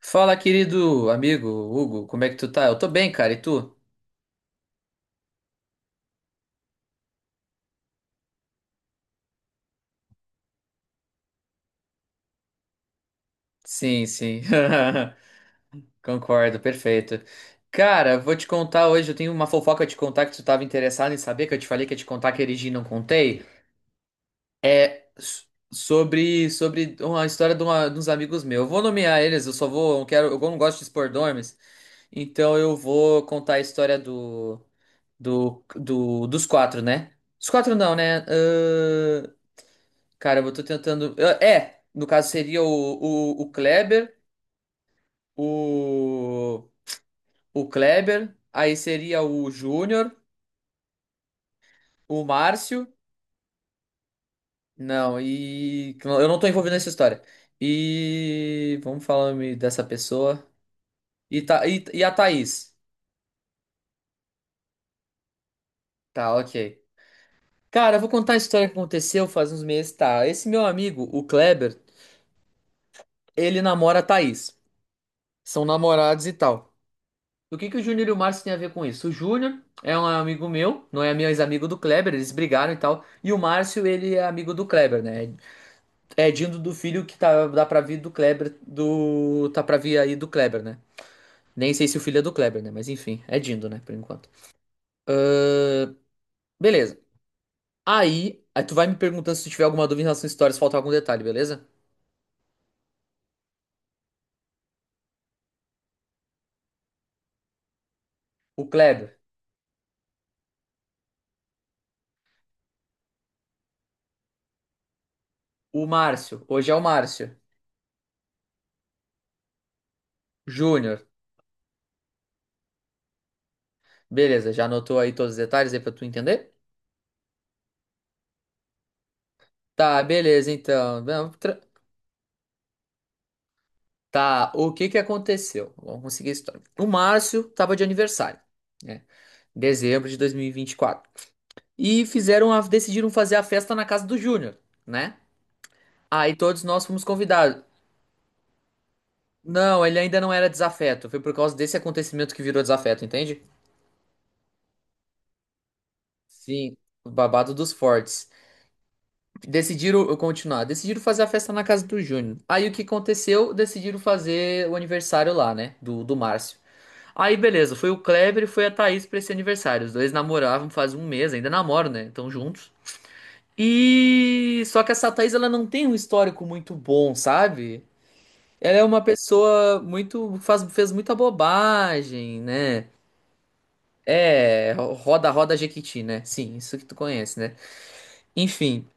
Fala, querido amigo Hugo, como é que tu tá? Eu tô bem, cara, e tu? Sim, sim. Concordo, perfeito. Cara, vou te contar hoje, eu tenho uma fofoca de contar que tu tava interessado em saber, que eu te falei que ia te contar que erigi e não contei. É s- sobre uma história de uns amigos meus. Eu vou nomear eles, eu só vou, eu quero, eu não gosto de expor nomes, então eu vou contar a história do do, do dos quatro, né? Os quatro não, né? Cara, eu tô tentando. É, no caso seria o Kleber, o, aí seria o Júnior, o Márcio. Não, eu não tô envolvido nessa história. Vamos falar me dessa pessoa. E a Thaís. Tá, ok. Cara, eu vou contar a história que aconteceu faz uns meses. Tá, esse meu amigo, o Kleber, ele namora a Thaís. São namorados e tal. O que que o Júnior e o Márcio têm a ver com isso? O Júnior é um amigo meu, não é meu ex-amigo do Kleber, eles brigaram e tal. E o Márcio, ele é amigo do Kleber, né? É Dindo do filho que tá, dá pra vir do Kleber, do tá pra vir aí do Kleber, né? Nem sei se o filho é do Kleber, né? Mas enfim, é Dindo, né? Por enquanto. Ahn, Beleza. Aí tu vai me perguntando se tu tiver alguma dúvida em relação à história, se faltar algum detalhe, beleza? O Kleber, o Márcio, hoje é o Márcio. Júnior, beleza, já anotou aí todos os detalhes aí pra tu entender? Tá, beleza, então. Não, tra- Tá, o que que aconteceu? Vamos conseguir a história. O Márcio tava de aniversário, né? Dezembro de 2024. E 24. E fizeram decidiram fazer a festa na casa do Júnior, né? Aí todos nós fomos convidados. Não, ele ainda não era desafeto. Foi por causa desse acontecimento que virou desafeto, entende? Sim, o babado dos fortes. Decidiram eu continuar. Decidiram fazer a festa na casa do Júnior. Aí o que aconteceu? Decidiram fazer o aniversário lá, né? Do Márcio. Aí, beleza, foi o Kleber e foi a Thaís pra esse aniversário. Os dois namoravam faz um mês, ainda namoram, né? Estão juntos. E só que essa Thaís, ela não tem um histórico muito bom, sabe? Ela é uma pessoa muito faz fez muita bobagem, né? Roda roda Jequiti, né? Sim, isso que tu conhece, né? Enfim,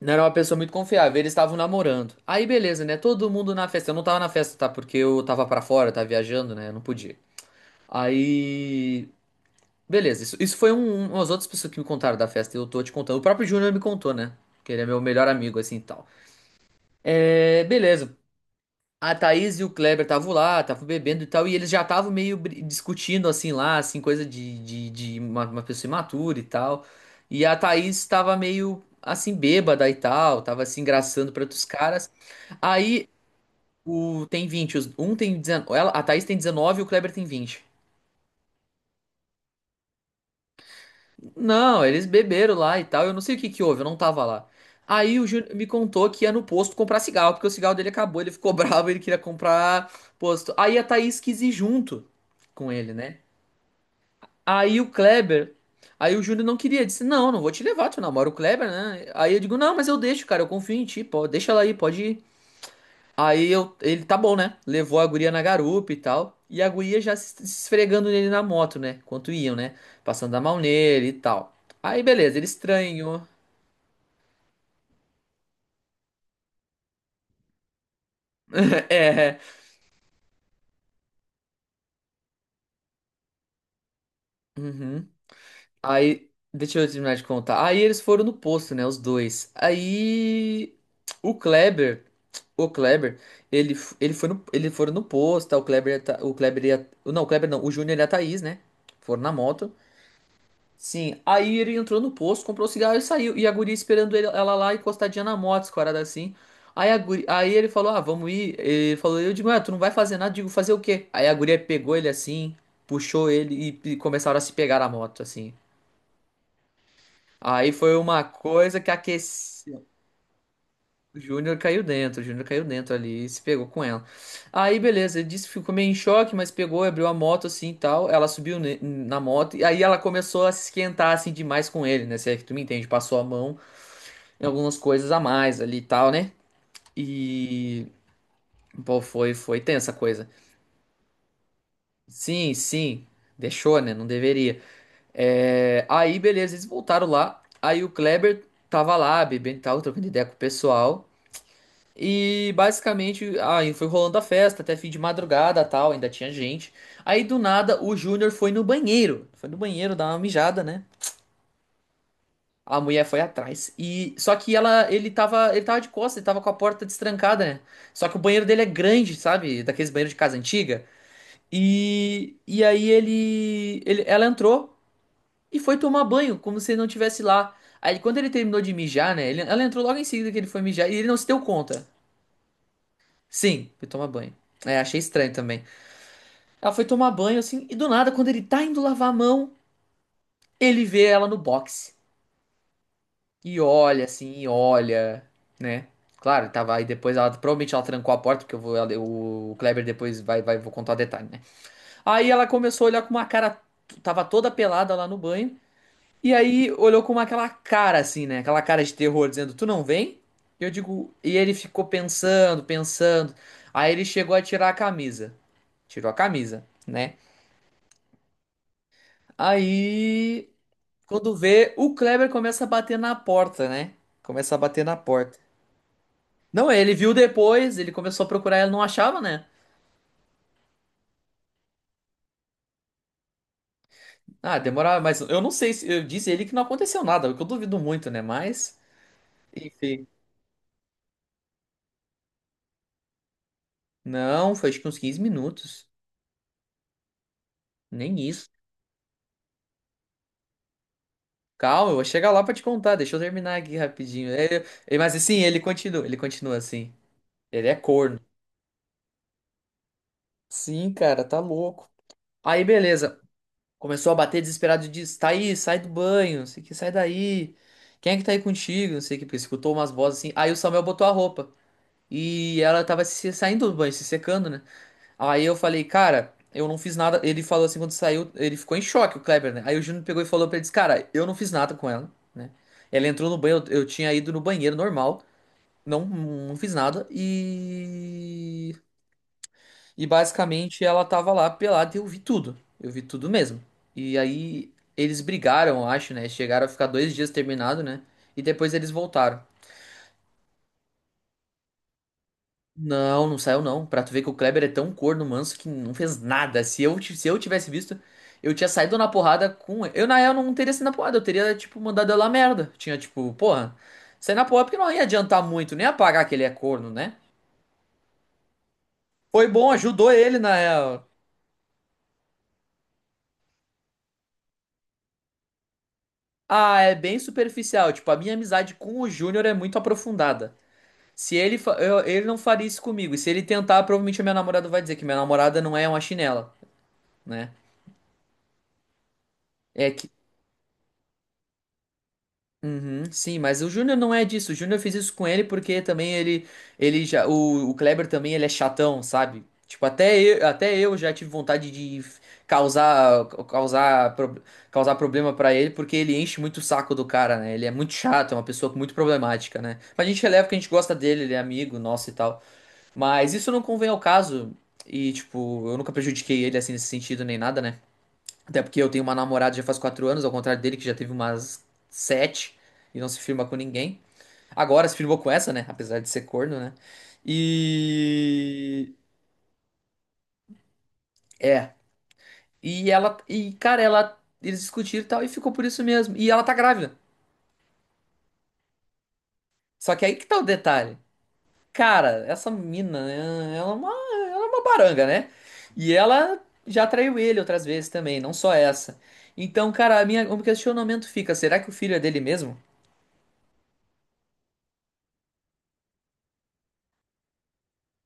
não era uma pessoa muito confiável, eles estavam namorando. Aí beleza, né? Todo mundo na festa. Eu não tava na festa, tá? Porque eu tava pra fora, eu tava viajando, né? Eu não podia. Aí beleza, isso foi umas outras pessoas que me contaram da festa e eu tô te contando. O próprio Júnior me contou, né? Que ele é meu melhor amigo, assim e tal. É, beleza. A Thaís e o Kleber estavam lá, estavam bebendo e tal, e eles já estavam discutindo, assim, lá, assim, coisa de uma pessoa imatura e tal. E a Thaís estava meio, assim, bêbada e tal, tava se engraçando para outros caras. Aí, o, tem 20 os- um tem 19, ela, a Thaís tem 19 e o Kleber tem 20. Não, eles beberam lá e tal. Eu não sei o que que houve, eu não tava lá. Aí o Júnior me contou que ia no posto comprar cigarro, porque o cigarro dele acabou, ele ficou bravo, ele queria comprar posto. Aí a Thaís quis ir junto com ele, né? Aí o Kleber, aí o Júnior não queria, disse: "Não, não vou te levar, tu namora o Kleber, né?" Aí eu digo: "Não, mas eu deixo, cara, eu confio em ti, pô, deixa ela aí, pode ir." Ele tá bom, né? Levou a guria na garupa e tal. E a guria já se esfregando nele na moto, né? Enquanto iam, né? Passando a mão nele e tal. Aí beleza, ele estranhou. É. Uhum. Aí, deixa eu terminar de contar. Aí eles foram no posto, né? Os dois. Aí o Kleber, o Kleber, ele foram no posto, tá? O Kleber, e a Tha- o Kleber, e a- não, o Kleber não, o Júnior e a Thaís, né? Foram na moto. Sim, aí ele entrou no posto, comprou o cigarro e saiu. E a guria esperando ela lá encostadinha na moto, escorada assim. Aí, aí ele falou: "Ah, vamos ir." Ele falou, eu digo: "Ué, tu não vai fazer nada." Eu digo: "Fazer o quê?" Aí a guria pegou ele assim, puxou ele e começaram a se pegar na moto, assim. Aí foi uma coisa que aqueceu. O Júnior caiu dentro ali e se pegou com ela. Aí, beleza, ele disse que ficou meio em choque, mas pegou, abriu a moto assim e tal. Ela subiu na moto e aí ela começou a se esquentar assim demais com ele, né? Se é que tu me entende, passou a mão em algumas coisas a mais ali e tal, né? E, pô, foi tensa a coisa. Sim, sim, deixou, né? Não deveria. É. Aí, beleza, eles voltaram lá. Aí o Kleber tava lá, bebendo e tal, trocando ideia com o pessoal. E basicamente, aí foi rolando a festa até fim de madrugada, tal, ainda tinha gente. Aí do nada o Júnior foi no banheiro dar uma mijada, né? A mulher foi atrás. E só que ele tava de costas, ele tava com a porta destrancada, né? Só que o banheiro dele é grande, sabe? Daqueles banheiros de casa antiga. E aí ele ela entrou e foi tomar banho, como se ele não tivesse lá. Aí quando ele terminou de mijar, né? Ela entrou logo em seguida que ele foi mijar e ele não se deu conta. Sim, foi tomar banho. É, achei estranho também. Ela foi tomar banho, assim, e do nada, quando ele tá indo lavar a mão, ele vê ela no boxe. E olha, assim, e olha, né? Claro, tava aí depois, provavelmente ela trancou a porta, porque o Kleber depois vou contar o detalhe, né? Aí ela começou a olhar com uma cara, tava toda pelada lá no banho, e aí olhou com aquela cara, assim, né? Aquela cara de terror, dizendo: "Tu não vem?" Eu digo, e ele ficou pensando, pensando. Aí ele chegou a tirar a camisa. Tirou a camisa, né? Aí, quando vê, o Kleber começa a bater na porta, né? Começa a bater na porta. Não, ele viu depois, ele começou a procurar, ele não achava, né? Ah, demorava, mas eu não sei se eu disse ele que não aconteceu nada, o que eu duvido muito, né? Mas, enfim. Não, foi acho que uns 15 minutos. Nem isso. Calma, eu vou chegar lá pra te contar, deixa eu terminar aqui rapidinho. Mas assim, ele continua assim. Ele é corno. Sim, cara, tá louco. Aí, beleza. Começou a bater desesperado e disse: "Thaís, sai do banho, não sei o que, sai daí. Quem é que tá aí contigo?" Não sei o que, porque escutou umas vozes assim. Aí o Samuel botou a roupa. E ela tava se saindo do banho, se secando, né? Aí eu falei: "Cara, eu não fiz nada." Ele falou assim quando saiu, ele ficou em choque, o Kleber, né? Aí o Júnior pegou e falou pra ele, disse: "Cara, eu não fiz nada com ela, né? Ela entrou no banho, eu tinha ido no banheiro normal, não, não fiz nada." E. E basicamente ela tava lá pelada e eu vi tudo. Eu vi tudo mesmo. E aí eles brigaram, eu acho, né? Chegaram a ficar 2 dias terminado, né? E depois eles voltaram. Não, não saiu não. Pra tu ver que o Kleber é tão corno manso que não fez nada. Se eu tivesse visto, eu tinha saído na porrada com ele. Eu, na real, não teria sido na porrada. Eu teria, tipo, mandado ela a merda. Tinha, tipo, porra, sair na porrada porque não ia adiantar muito, nem apagar que ele é corno, né? Foi bom, ajudou ele, na real. Ah, é bem superficial. Tipo, a minha amizade com o Júnior é muito aprofundada. Se ele, fa- eu- ele não faria isso comigo, e se ele tentar, provavelmente a minha namorada vai dizer que minha namorada não é uma chinela, né? É. Uhum, sim, mas o Júnior não é disso. O Júnior fez isso com ele porque também o Kleber também ele é chatão, sabe? Tipo, até eu já tive vontade de causar, causar, pro- causar problema pra ele porque ele enche muito o saco do cara, né? Ele é muito chato, é uma pessoa muito problemática, né? Mas a gente releva que a gente gosta dele, ele é amigo nosso e tal. Mas isso não convém ao caso e, tipo, eu nunca prejudiquei ele assim nesse sentido nem nada, né? Até porque eu tenho uma namorada já faz 4 anos, ao contrário dele, que já teve umas sete e não se firma com ninguém. Agora se firmou com essa, né? Apesar de ser corno, né? E. É. E ela. E, cara, ela. Eles discutiram e tal, e ficou por isso mesmo. E ela tá grávida. Só que aí que tá o detalhe. Cara, essa mina, ela é uma baranga, né? E ela já traiu ele outras vezes também, não só essa. Então, cara, o meu questionamento fica: será que o filho é dele mesmo?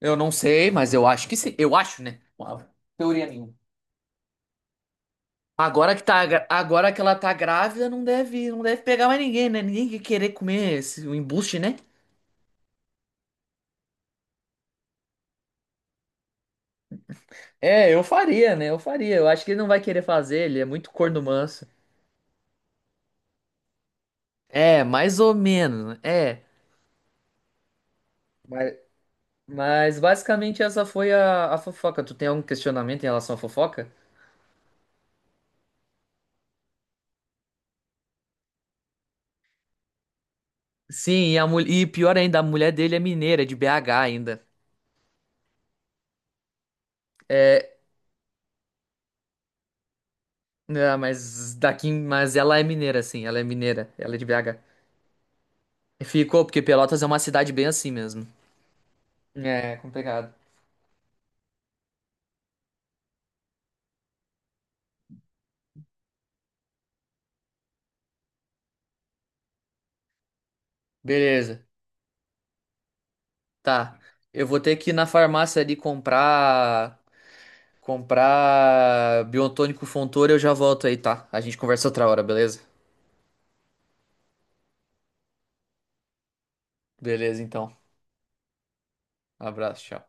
Eu não sei, mas eu acho que sim. Eu acho, né? Uma teoria minha. Agora que ela tá grávida, não deve pegar mais ninguém, né? Ninguém que querer comer esse o embuste, né? É, eu faria, né? Eu faria. Eu acho que ele não vai querer fazer, ele é muito corno manso. É, mais ou menos, né? É. Mas basicamente essa foi a fofoca. Tu tem algum questionamento em relação à fofoca? Sim, e pior ainda, a mulher dele é mineira, de BH ainda. É, não, mas daqui, mas ela é mineira, sim, ela é mineira, ela é de BH. Ficou, porque Pelotas é uma cidade bem assim mesmo. É, complicado. Beleza. Tá. Eu vou ter que ir na farmácia ali comprar. Comprar Biotônico Fontoura, e eu já volto aí, tá? A gente conversa outra hora, beleza? Beleza, então. Abraço, tchau.